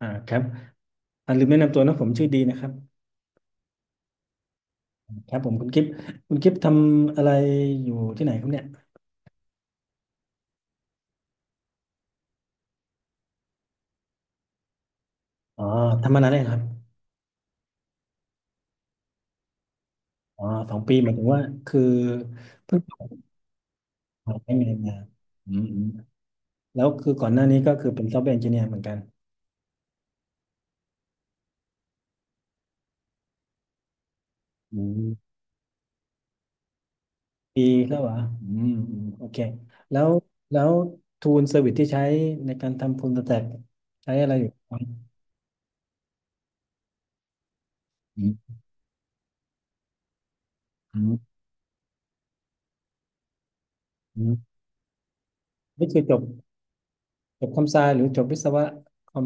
อ่าครับลืมแนะนำตัวนะผมชื่อดีนะครับครับผมคุณกิฟต์คุณกิฟต์ทำอะไรอยู่ที่ไหนครับเนี่ยอ๋อทำมานานแล้วครับอ๋อสองปีหมายถึงว่าคือเพิ่งออกได้งานมาอืมอืมแล้วคือก่อนหน้านี้ก็คือเป็นซอฟต์แวร์เอนจิเนียร์เหมือนกันอืมปีแล้วเหรออืมอืมโอเคแล้วแล้วทูลเซอร์วิสที่ใช้ในการทำ full stack ใช้อะไรอยู่ครับอืมอืมอืมนี่คือจบคอมไซหรือจบวิศวะคอม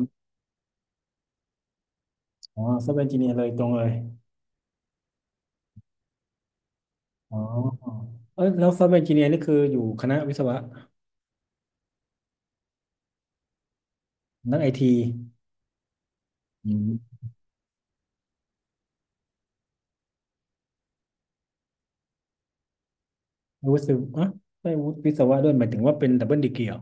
อ๋อซอฟต์แวร์เอนจิเนียร์เลยตรงเลย อ๋อเออแล้วซอฟต์แวร์เอนจิเนียร์นี่คืออยู่คณะวิศวะนักไอทีอืมวุฒิอ่ะได้วุฒิวิศวะด้วยหมายถึงว่าเป็นดับเบิลดีกรีเหรอ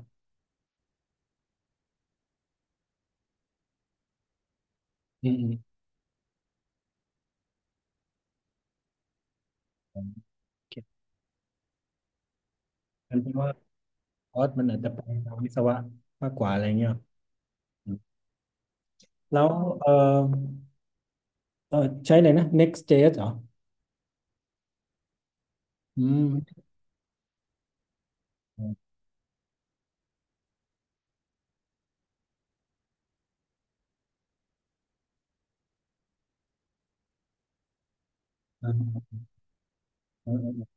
อืมอืมอืมมันเป็นว่าคอร์สมันอาจจะไปทางวิศวะมากกว่าอะไรเงี้ยหรออืมแล้วเออเออใช้อะไรนะ Next.js เหรออืมอืมอมอม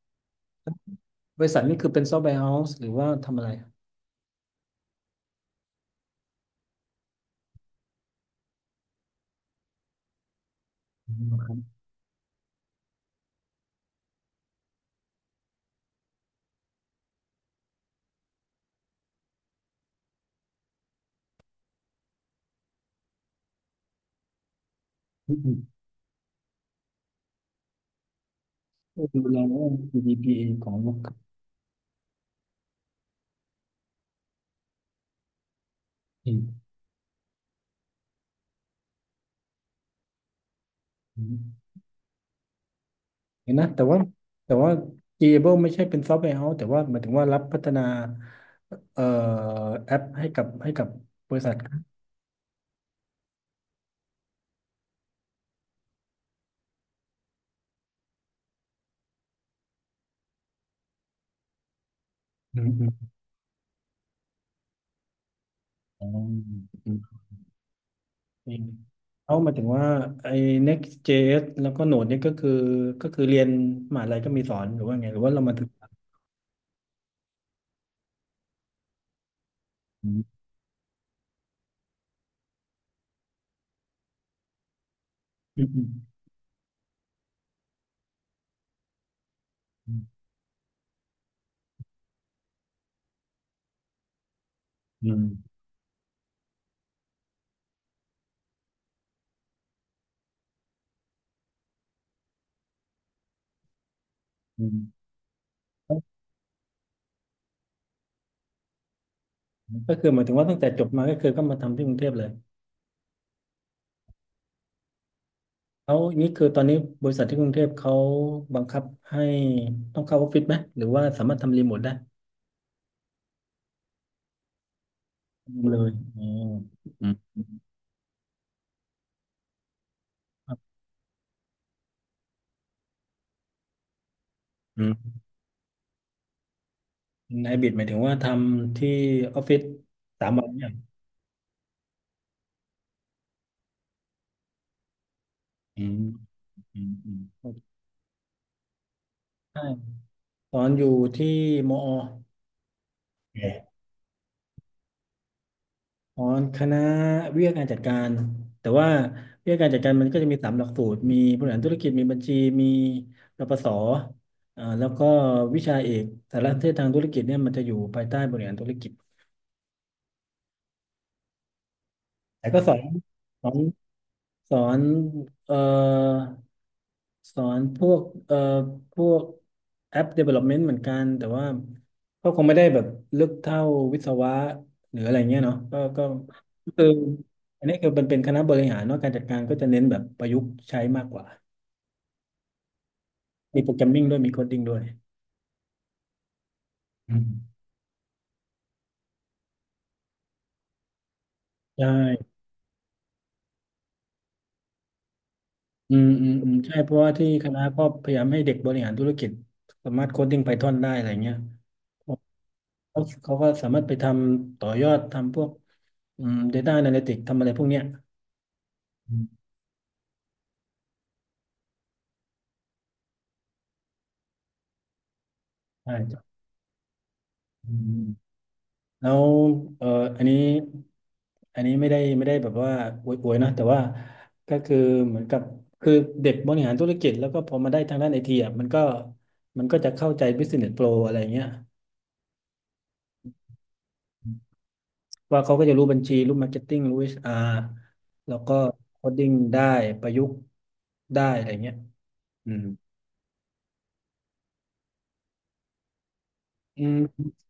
บริษัทนี่คือเป็นซอฟต์แวร์เฮาส์หรือว่าทำอะไรอืมครับอืมดูแลเรื่อง g d p อของลูกค้าอืม เห็นนะแต่ว่า Gable ไม่ใช่เป็นซอฟต์แวร์เฮาส์แต่ว่าหมายถึงว่ารับพัฒนาเอ่อแอปให้กับบริษัทอืมอืมอ๋ออืมอืมเขาหมายถึงว่าไอ้ Next.js แล้วก็ Node เนี่ยก็คือเรียนมหาลัยก็มีสอนหรือว่าไงหรือว่าเรามาถึงอืมอืมอืมอืมอืมก็คือหมายถึงว่าตั้งแต่จบมาก็คือก็มาทำที่กรุงเทพเลย แล้วนี่คือตอนนี้บริษัทที่กรุงเทพเขาบังคับให้ต้องเข้าออฟฟิศไหมหรือว่าสามารถทำรีโมทได้เลยอ๋ออืมครับอืมไฮบริดหมายถึงว่าทำที่ออฟฟิศสามวันเนี่ยอืมอืมอืมใช่ตอนอยู่ที่มอ อ๋อคณะวิทยาการจัดการแต่ว่าวิทยาการจัดการมันก็จะมีสามหลักสูตรมีบริหารธุรกิจมีบัญชีมีรปศอ่าแล้วก็วิชาเอกสารสนเทศทางธุรกิจเนี่ยมันจะอยู่ภายใต้บริหารธุรกิจแต่ก็สอนสอนเอ่อ สอนพวกพวกแอป development เหมือนกันแต่ว่าก็คงไม่ได้แบบลึกเท่าวิศวะหรืออะไรเงี้ยเนาะก็คืออันนี้คือมันเป็นคณะบริหารเนาะการจัดการก็จะเน้นแบบประยุกต์ใช้มากกว่ามีโปรแกรมมิ่งด้วยมีโคดดิ้งด้วยอืมใช่อืมอืมอืมใช่เพราะว่าที่คณะก็พยายามให้เด็กบริหารธุรกิจสามารถโคดดิ้งไพทอนได้อะไรเงี้ยเขาก็สามารถไปทำต่อยอดทำพวกอืม Data Analytics ทำอะไรพวกเนี้ยอืมใช่ อืมแล้วเอ่ออันนี้อันนี้ไม่ได้แบบว่าอวยๆนะแต่ว่าก็คือเหมือนกับคือเด็กบริหารธุรกิจแล้วก็พอมาได้ทางด้านไอทีอ่ะมันก็จะเข้าใจ Business Pro อะไรเงี้ยว่าเขาก็จะรู้บัญชีรู้มาร์เก็ตติ้งรู้ HR แล้วก็โคดดิ้งได้ประยุกต์ได้อะไรเงี้ยอืมอืม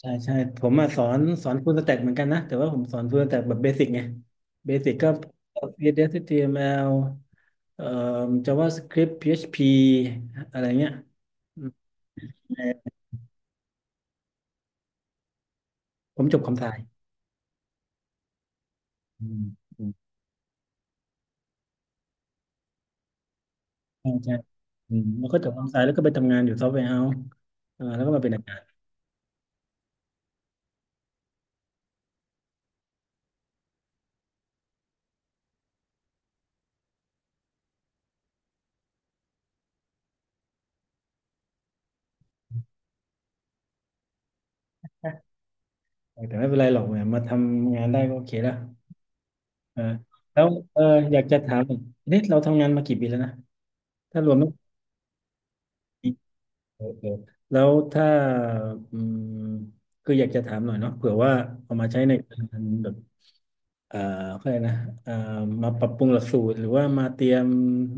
ใช่ใช่ผมมาสอนฟูลสแต็กเหมือนกันนะแต่ว่าผมสอนฟูลสแต็กแบบเบสิกไงเบสิกก็ c อสเอสเอชทีเอ็ม t อล เอ่อ JavaScript PHP อชพีอะไรเงี้ยอืมแต่ผมจบคอมไซอืมอืมใช่ใช่อืมแล้วก็จบคอมไซแล้วก็ไปทำงานอยู่ซอฟต์แวร์เฮาส์เออแล้วก็มาเป็นอาจารย์แต่ไม่เป็นไรหรอกเนี่ยมาทำงานได้ก็โอเคแล้วเออแล้วเอออยากจะถามหน่อยนี่เราทำงานมากี่ปีแล้วนะถ้ารวมไม่วีเออเออแล้วถ้าอืมคืออยากจะถามหน่อยเนาะเผื่อว่าเอามาใช้ในการแบบ เอ่อเขาเลยกนะเอ่อมาปรับปรุงหลักสูตรหรือว่ามาเตรียม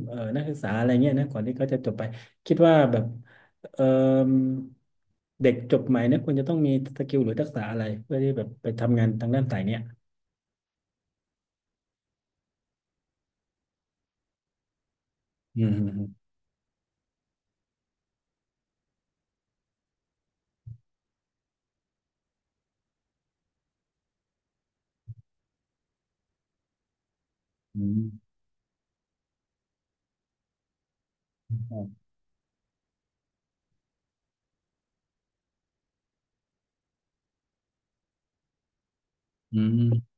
นักศึกษาอะไรเงี้ยนะก่อนที่เขาจะจบไปคิดว่าแบบเอ่อเด็กจบใหม่เนี่ยควรจะต้องมีสกิลหรือทักษะอะไรเพื่อที่แบบไปทำงานทางด้านสายเนี้ยอืมอืมอืม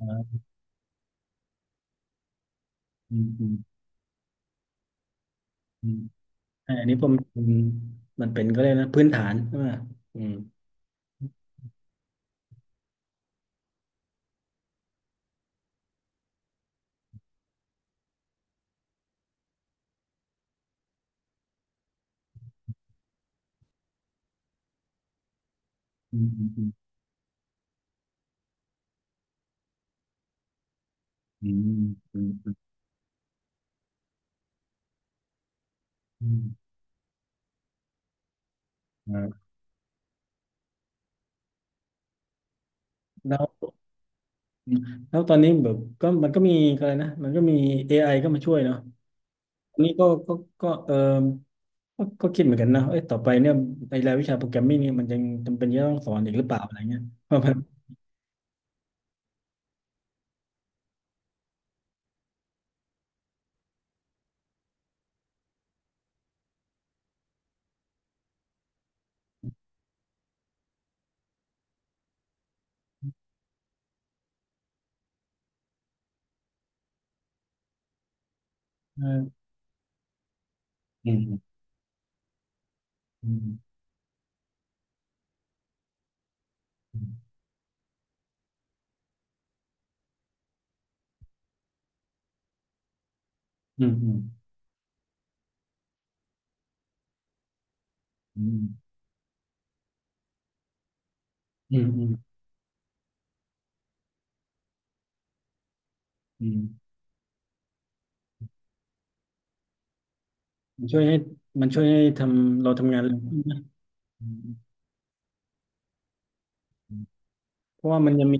อืมอืมอืมอืมอมอันนี้ผมมันเป็นก็เลยกนะพื้นฐานใช่ไหมอืมอืมอืมอืมอืมอืมอืมอืมอ่าแล้ว อืมแล้วตอนนี้แบบก็มันก็มีอะไรนะมันก็มี AI ก็มาช่วยเนาะอันนี้ก็ก็ก็ก็ก็คิดเหมือนกันนะเอ้ยต่อไปเนี่ยไอ้รายวิชาโปรแกรมมิ่งเนี่ยมันยังจำเป็นจะต้องสอนอีกหรือเปล่าอะไรเงี้ยเพราะมันเอออืมอืมอืมอืมอืมอืมอืมอืมมันช่วยให้ทำเราทำงานเร็วขึ้นนะอืมอืมอืมเพราะว่ามันยังมี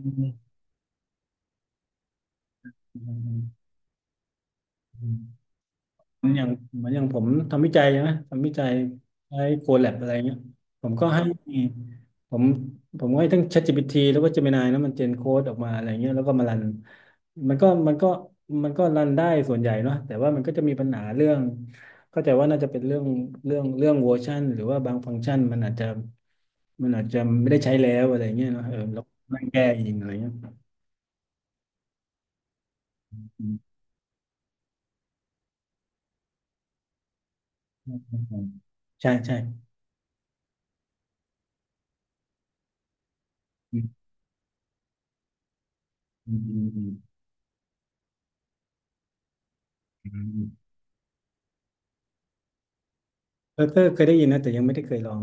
เหมือนอย่างเหมือนอย่างผมทำวิจัยใะทำวิจัยใช้โคแลบอะไรเงี้ยผมก็ให้ผมผมก็ให้ทั้ง ChatGPT แล้วก็ Gemini นะมันเจนโค้ดออกมาอะไรเงี้ยแล้วก็มารันมันก็มันก็มันก็รันได้ส่วนใหญ่เนาะแต่ว่ามันก็จะมีปัญหาเรื่องเข้าใจว่าน่าจะเป็นเรื่องเรื่องเวอร์ชันหรือว่าบางฟังก์ชันมันอาจจะไม่ได้ใช้แล้วอะไรเงี้ยเนาะเออแล้วนั่งแก้เองอะไรเงี้ยอืมใช่ใช่อืมอืมอืมอืม เบอร์เกอร์เคยได้ยินนะแต่ยังไม่ได้เคยลอง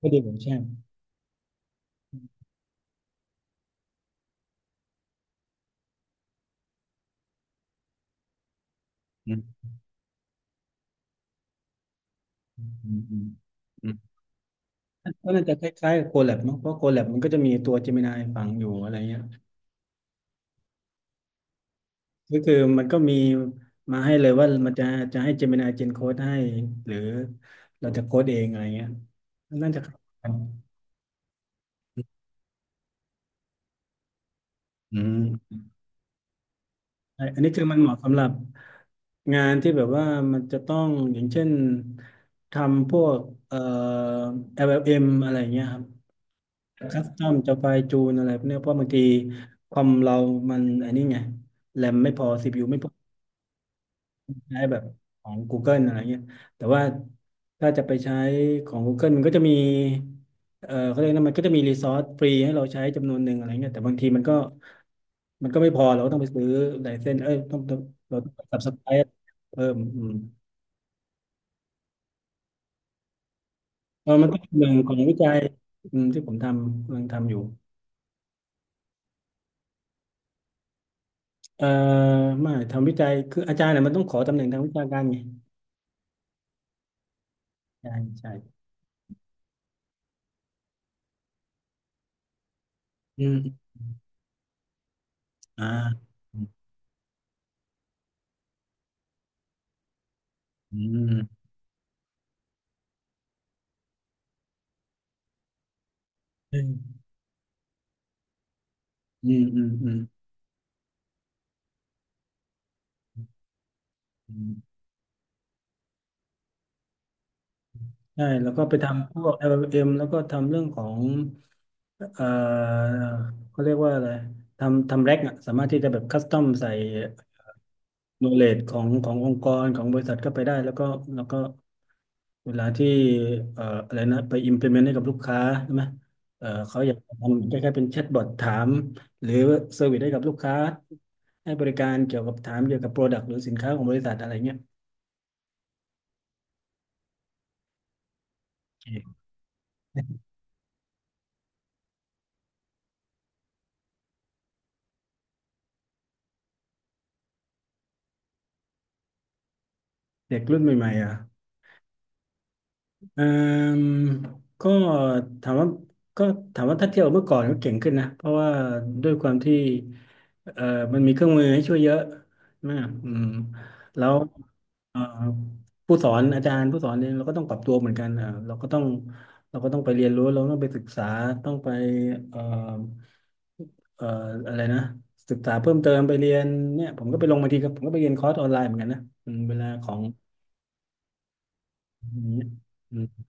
ไม่ได้เหมือนแช่มอืมอืมอืมอืมก็น่าจะคล้ายๆกับโคแลบมั้งเพราะโคแลบมันก็จะมีตัวเจมินายฝังอยู่อะไรเงี้ยก็คือมันก็มีมาให้เลยว่ามันจะจะให้เจมินายเจนโค้ดให้หรือเราจะโค้ดเองอะไรเงี้ยน่าจะคล้ายกันอืมใช่อันนี้คือมันเหมาะสำหรับงานที่แบบว่ามันจะต้องอย่างเช่นทำพวกเอ่อแอ l m อลเอ็มอะไรอย่างเงี้ยครับ คัสตอมจะไฟล์จูนอะไรพวกเนี้ยเพราะบางทีคอมเรามันไอันนี้ไงแรมไม่พอ CPU ไม่พอใช้แบบของ Google อะไรเงี้ยแต่ว่าถ้าจะไปใช้ของ Google มันก็จะมีเขาเรียกนะมันก็จะมีรีซอสฟรีให้เราใช้จำนวนหนึ่งอะไรเงี้ยแต่บางทีมันก็มันก็ไม่พอเราก็ต้องไปซื้อไลเซนส์เอ้ยต้องเราต้องสับสไครเพิ่มอืมเออมันก็เป็นหนึ่งของวิจัยอืมที่ผมทำกำลังทำอยู่เอ่อไม่ทำวิจัยคืออาจารย์เนี่ยมันต้องขอตำแหน่งทางวิชาการไง ใช่ใช่อืมอ่าอืมอืมอืมอืมอืมอืมอืมใช่ แล้วก็ไปทำพวก l ็ m แล้วก็ทำเรื่องของ เอ่อเขาเรียกว่าอะไร ทำแร็กอะสามารถที่จะแบบคัสตอมใส่โนเลจของขององค์กรของบริษัทเข้าไปได้แล้วก็แล้วก็ เวลาที่อะไรนะ ไป implement ให้กับลูกค้าใช่ไหมเขาอยากทำคล้ายๆเป็นแชทบอทถามหรือเซอร์วิสให้กับลูกค้าให้บริการเกี่ยวกับถามเกี่ยวกับ Product หรือสินค้าของบริษัทอะไรเงี้ย เด็กรุ่นใหม่ๆอ่ะเอ่มก็ถามว่าก็ถ้าเทียบกับเมื่อก่อนก็เก่งขึ้นนะเพราะว่าด้วยความที่เอ่อมันมีเครื่องมือให้ช่วยเยอะมากอืมแล้วเอ่อผู้สอนอาจารย์ผู้สอนเนี่ยเราก็ต้องปรับตัวเหมือนกันอ่ะเราก็ต้องไปเรียนรู้เราต้องไปศึกษาต้องไปเอ่อเอ่ออะไรนะศึกษาเพิ่มเติมไปเรียนเนี่ยผมก็ไปลงบางทีก็ผมก็ไปเรียนคอร์สออนไลน์เหมือนกันนะอืมเวลาของอย่างเงี้ยอื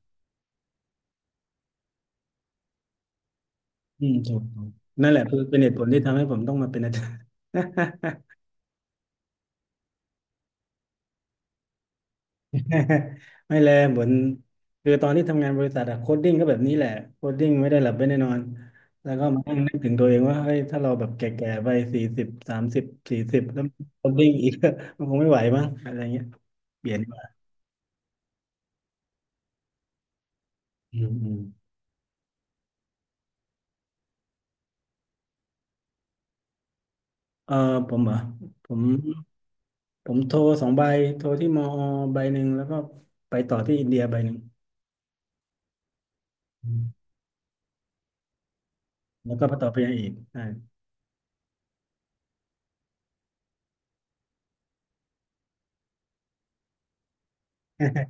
อืมถูกถูกนั่นแหละคือเป็นเหตุผลที่ทำให้ผมต้องมาเป็นอาจารย์ ไม่แลเหมือนคือตอนที่ทำงานบริษัทอะโคดดิ้งก็แบบนี้แหละโคดดิ้งไม่ได้หลับไม่ได้นอนแล้วก็มานั่งนึกถึงตัวเองว่าเฮ้ยถ้าเราแบบแก่ๆไป40 30 40แล้วโคดดิ้งอีก มันคงไม่ไหวมั้งอะไรเงี้ยเปลี่ยนดีกว่าอืมอืมเออผมเหรอผมผมโทร2 ใบโทรที่มอใบหนึ่งแล้วก็ไปต่อที่อินเดียใบหนึ่งอืมแล้วก็ไปต่อไปยังอีกใช่